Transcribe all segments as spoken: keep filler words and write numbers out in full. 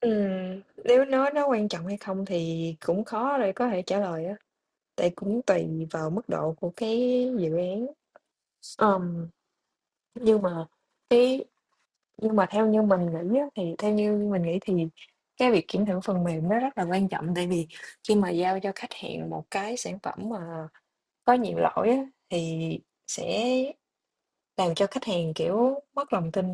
Ừm, nếu nói nó quan trọng hay không thì cũng khó để có thể trả lời á, tại cũng tùy vào mức độ của cái dự án. Ờm, nhưng mà cái nhưng mà theo như mình nghĩ á, thì theo như mình nghĩ thì cái việc kiểm thử phần mềm nó rất là quan trọng, tại vì khi mà giao cho khách hàng một cái sản phẩm mà có nhiều lỗi á, thì sẽ làm cho khách hàng, kiểu, mất lòng tin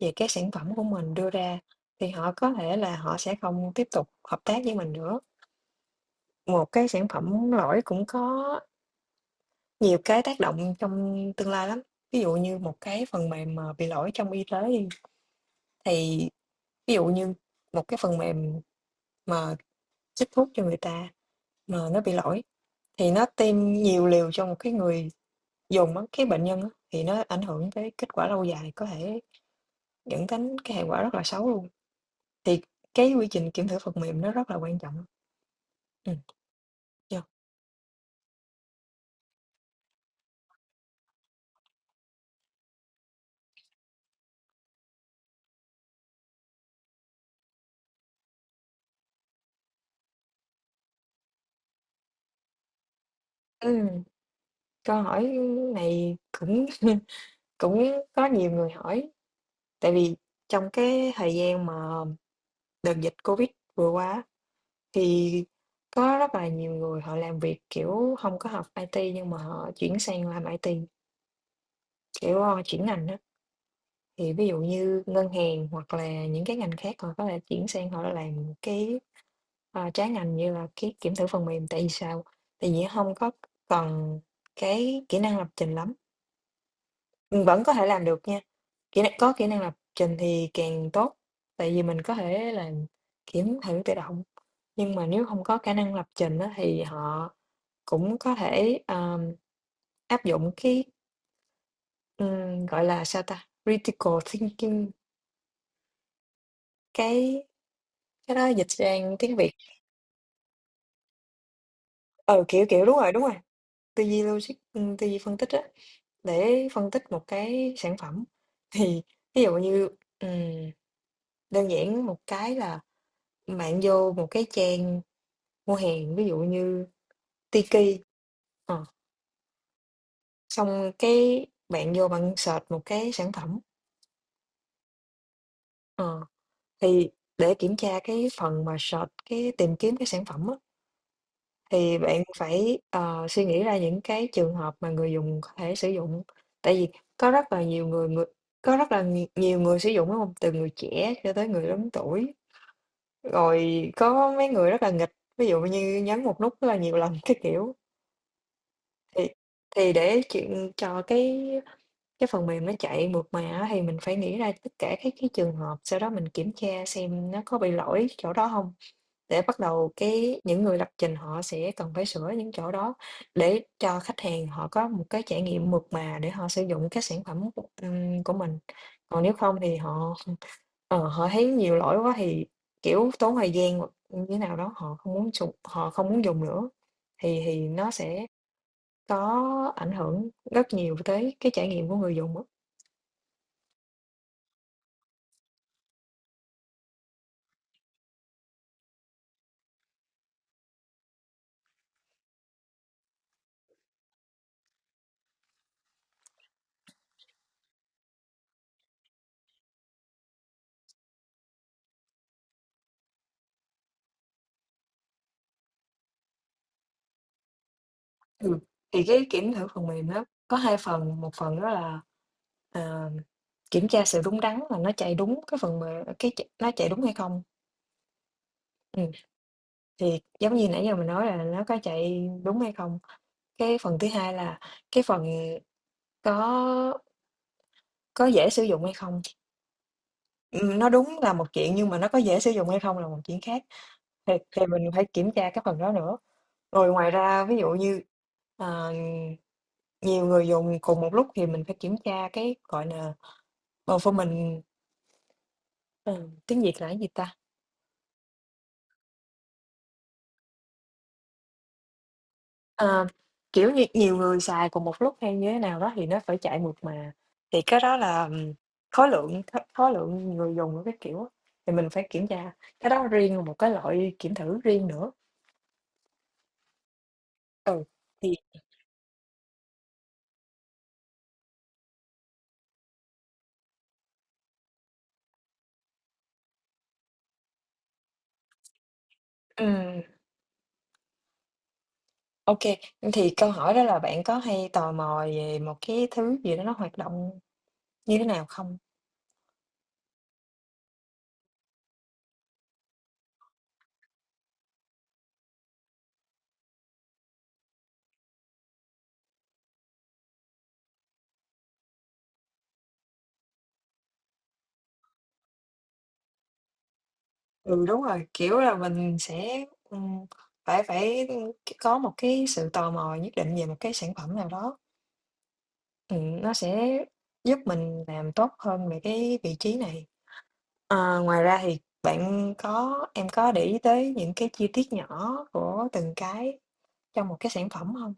về cái sản phẩm của mình đưa ra, thì họ có thể là họ sẽ không tiếp tục hợp tác với mình nữa. Một cái sản phẩm lỗi cũng có nhiều cái tác động trong tương lai lắm. Ví dụ như một cái phần mềm mà bị lỗi trong y tế đi, thì ví dụ như một cái phần mềm mà chích thuốc cho người ta mà nó bị lỗi thì nó tiêm nhiều liều cho một cái người dùng á, cái bệnh nhân á, thì nó ảnh hưởng tới kết quả lâu dài, có thể dẫn đến cái hệ quả rất là xấu luôn. Thì cái quy trình kiểm thử phần mềm nó rất là quan trọng. Ừm, yeah. Ừm, Câu hỏi này cũng cũng có nhiều người hỏi, tại vì trong cái thời gian mà đợt dịch Covid vừa qua á, thì có rất là nhiều người họ làm việc, kiểu, hông có học i tê nhưng mà họ chuyển sang làm ai ti, kiểu, ơ, chuyển ngành á. Thì ví dụ như ngân hàng hoặc là những cái ngành khác họ có thể chuyển sang họ làm cái, ờ, trái ngành như là cái kiểm thử phần mềm, tại vì sao? Tại vì hông có cần cái kỹ năng lập trình lắm, ừm, vẫn có thể làm được nha. Kỹ năng có kỹ năng lập trình thì càng tốt, tại vì mình có thể là kiếm thử tự động, nhưng mà nếu không có khả năng lập trình á thì họ cũng có thể, ờm, áp dụng cái, ừm, gọi là, sao ta, critical thinking, cái cái đó dịch sang tiếng Việt. Ờ kiểu, kiểu đúng rồi, đúng rồi, tư duy logic, ừm, tư duy phân tích á, để phân tích một cái sản phẩm. Thì ví dụ như, ừm, đơn giản một cái là bạn vô một cái trang mua hàng ví dụ như Tiki. Ờ, xong cái bạn vô bạn search một cái sản phẩm. Ờ, thì để kiểm tra cái phần mà search cái tìm kiếm cái sản phẩm á, thì bạn phải ờ, suy nghĩ ra những cái trường hợp mà người dùng có thể sử dụng, tại vì có rất là nhiều người, người có rất là nhi- nhiều người sử dụng đúng không, từ người trẻ cho tới người lớn tuổi, rồi có mấy người rất là nghịch ví dụ như nhấn một nút rất là nhiều lần cái kiểu. Thì thì để chuyện cho cái cái phần mềm nó chạy mượt mà á, thì mình phải nghĩ ra tất cả các cái trường hợp, sau đó mình kiểm tra xem nó có bị lỗi chỗ đó hông, để bắt đầu cái những người lập trình họ sẽ cần phải sửa những chỗ đó để cho khách hàng họ có một cái trải nghiệm mượt mà để họ sử dụng cái sản phẩm của, ừm, của mình. Còn nếu không thì họ ờ, họ thấy nhiều lỗi quá thì, kiểu, tốn thời gian hoặc như thế nào đó, họ không muốn dùng họ không muốn dùng nữa, thì thì nó sẽ có ảnh hưởng rất nhiều tới cái trải nghiệm của người dùng á. Ừm, thì cái kiểm thử phần mềm đó có hai phần, một phần đó là, ờ, kiểm tra sự đúng đắn là nó chạy đúng cái phần mềm cái ch nó chạy đúng hay không. Ừm, thì giống như nãy giờ mình nói là nó có chạy đúng hay không. Cái phần thứ hai là cái phần có có dễ sử dụng hay không. Ừm, nó đúng là một chuyện nhưng mà nó có dễ sử dụng hay không là một chuyện khác, thì thì mình phải kiểm tra cái phần đó nữa. Rồi ngoài ra ví dụ như, ờ, nhiều người dùng cùng một lúc thì mình phải kiểm tra cái, gọi là, performance ờ, tiếng Việt là cái gì ta? Ờ, kiểu như, nhiều người xài cùng một lúc hay như thế nào đó thì nó phải chạy mượt mà, thì cái đó là, ừm, khối lượng khối khối lượng người dùng của cái kiểu á, thì mình phải kiểm tra, cái đó riêng một cái loại kiểm thử riêng nữa. Ừ, thì ừm. OK, thì câu hỏi đó là bạn có hay tò mò về một cái thứ gì đó nó hoạt động như thế nào không? Ừ, đúng rồi, kiểu là, mình sẽ, ừm, phải phải, có một cái sự tò mò nhất định về một cái sản phẩm nào đó, ừm, nó sẽ giúp mình làm tốt hơn về cái vị trí này. Ờ, ngoài ra thì bạn có em có để ý tới những cái chi tiết nhỏ của từng cái trong một cái sản phẩm không?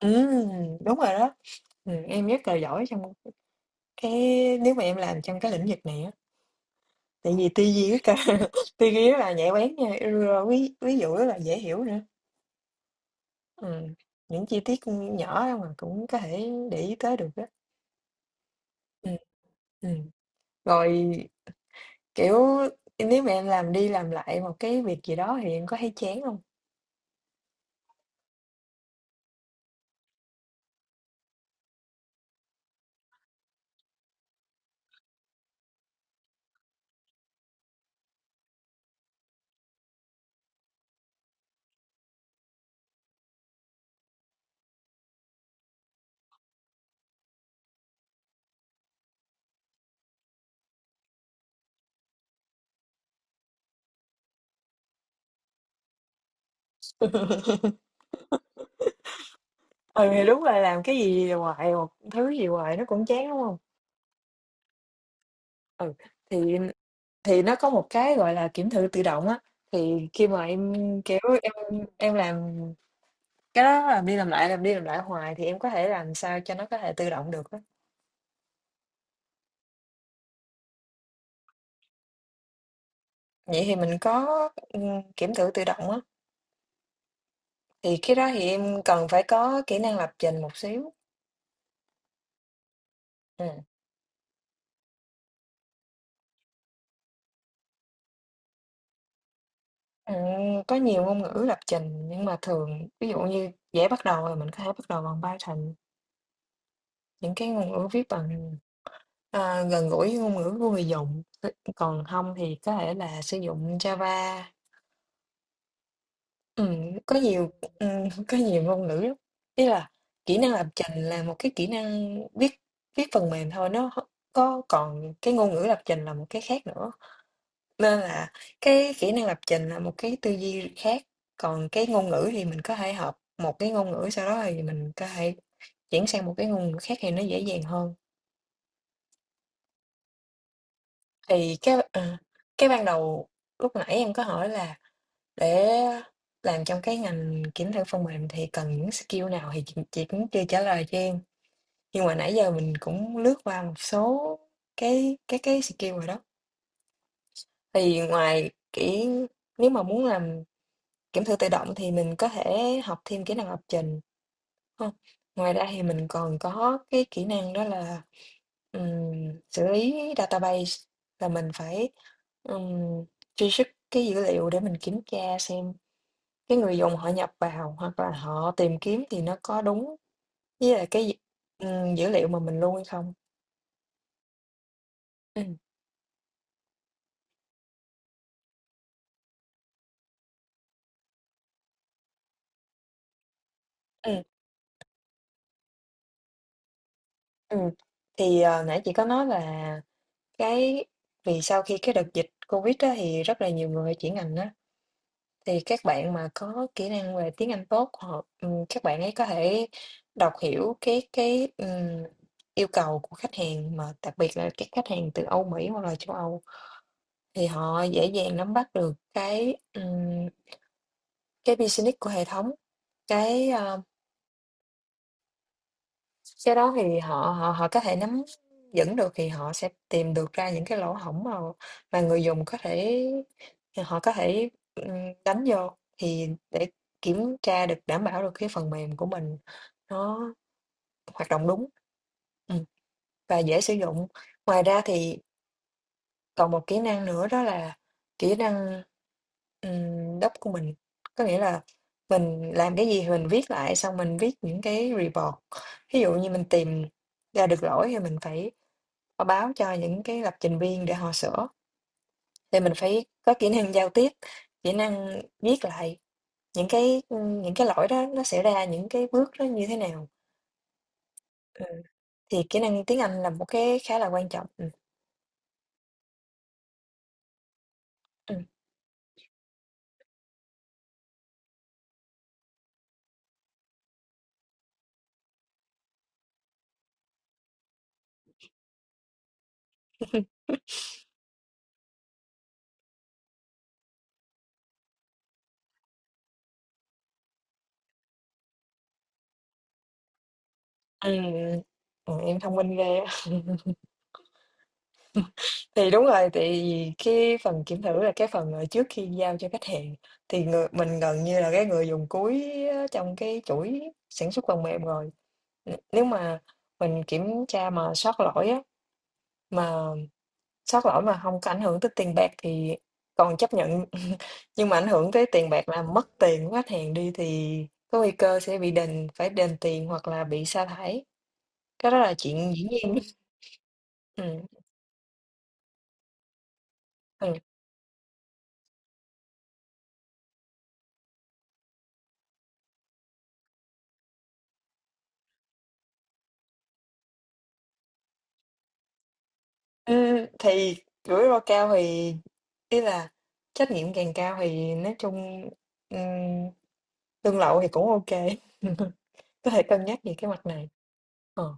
Ừ, đúng rồi đó, ừm, em rất là giỏi trong Cái nếu mà em làm trong cái lĩnh vực này á, tại vì tư duy rất là tư duy rất là nhạy bén nha, rồi ví ví dụ rất là dễ hiểu nữa. Ừ. Những chi tiết nhỏ mà cũng có thể để ý tới được đó. Ừ. Ừ. Rồi kiểu nếu mà em làm đi làm lại một cái việc gì đó thì em có thấy chán không? Ừ, thì đúng là làm cái gì hoài một thứ gì hoài nó cũng chán đúng không? Ừ, thì thì nó có một cái gọi là kiểm thử tự động á, thì khi mà em kiểu em em làm. Cái đó làm đi làm lại, làm đi làm lại hoài thì em có thể làm sao cho nó có thể tự động được á. Vậy thì mình có, ừm, kiểm thử tự động á, thì cái đó thì em cần phải có kỹ năng lập trình một xíu. Ừm, ừm, có nhiều ngôn ngữ lập trình nhưng mà thường ví dụ như dễ bắt đầu là mình có thể bắt đầu bằng Python, những cái ngôn ngữ viết bằng, ờ, gần gũi với ngôn ngữ của người dùng. Còn không thì có thể là sử dụng Java. Ừm, có nhiều, ừm, có nhiều ngôn ngữ lắm. Ý là kỹ năng lập trình là một cái kỹ năng viết viết phần mềm thôi, nó h có còn cái ngôn ngữ lập trình là một cái khác nữa, nên là cái kỹ năng lập trình là một cái tư duy khác, còn cái ngôn ngữ thì mình có thể học một cái ngôn ngữ, sau đó thì mình có thể chuyển sang một cái ngôn ngữ khác thì nó dễ dàng hơn. Thì cái ờ, cái ban đầu lúc nãy em có hỏi là để làm trong cái ngành kiểm thử phần mềm thì cần những skill nào thì chị, chị cũng chưa trả lời cho em. Nhưng mà nãy giờ mình cũng lướt qua một số cái cái cái skill rồi đó. Thì ngoài kỹ nếu mà muốn làm kiểm thử tự động thì mình có thể học thêm kỹ năng lập trình không? Ngoài ra thì mình còn có cái kỹ năng đó là ừm, xử lý database là mình phải um, truy xuất cái dữ liệu để mình kiểm tra xem cái người dùng họ nhập vào hoặc là họ tìm kiếm thì nó có đúng với lại cái dữ ừm, dữ liệu mà mình lưu hay không. Ừ. Ừ. Ừ. Thì ờ, nãy chị có nói là Cái vì sau khi cái đợt dịch Covid á, thì rất là nhiều người chuyển ngành á, thì các bạn mà có kỹ năng về tiếng Anh tốt, họ ừm, các bạn ấy có thể đọc hiểu cái cái, ừm, yêu cầu của khách hàng, mà đặc biệt là các khách hàng từ Âu Mỹ hoặc là châu Âu, thì họ dễ dàng nắm bắt được cái, ừm, cái business của hệ thống. cái, ờ Cái đó thì họ họ họ có thể nắm vững được thì họ sẽ tìm được ra những cái lỗ hổng mà mà người dùng có thể ờ, họ có thể, ừm, đánh vô thì để kiểm tra được, đảm bảo được cái phần mềm của mình nó hoạt động đúng, ừm, và dễ sử dụng. Ngoài ra thì còn một kỹ năng nữa đó là kỹ năng, ừm, doc của mình, có nghĩa là mình làm cái gì thì mình viết lại, xong mình viết những cái report. Ví dụ như mình tìm ra được lỗi thì mình phải, ờ, báo cho những cái lập trình viên để họ sửa, thì mình phải có kỹ năng giao tiếp, kỹ năng viết lại những cái, những cái lỗi đó nó xảy ra, những cái bước nó như thế nào. Ừm, thì kỹ năng tiếng Anh là một cái khá là quan trọng. Ừm, ừm. Ừm, ừm, em thông minh ghê á. Thì đúng rồi, tại vì cái phần kiểm thử là cái phần mà trước khi giao cho khách hàng, thì người mình gần như là cái người dùng cuối á, trong cái chuỗi sản xuất phần mềm rồi. N nếu mà mình kiểm tra mà sót lỗi á, mà sót lỗi mà không có ảnh hưởng tới tiền bạc thì còn chấp nhận, nhưng mà ảnh hưởng tới tiền bạc là mất tiền của khách hàng đi thì có nguy cơ sẽ bị đền phải đền tiền hoặc là bị sa thải, cái đó là chuyện dĩ nhiên. Ừ. Ừm, thì rủi ro cao thì ý là trách nhiệm càng cao thì nói chung, ừm, lương lậu thì cũng ok có thể cân nhắc về cái mặt này. Ờ.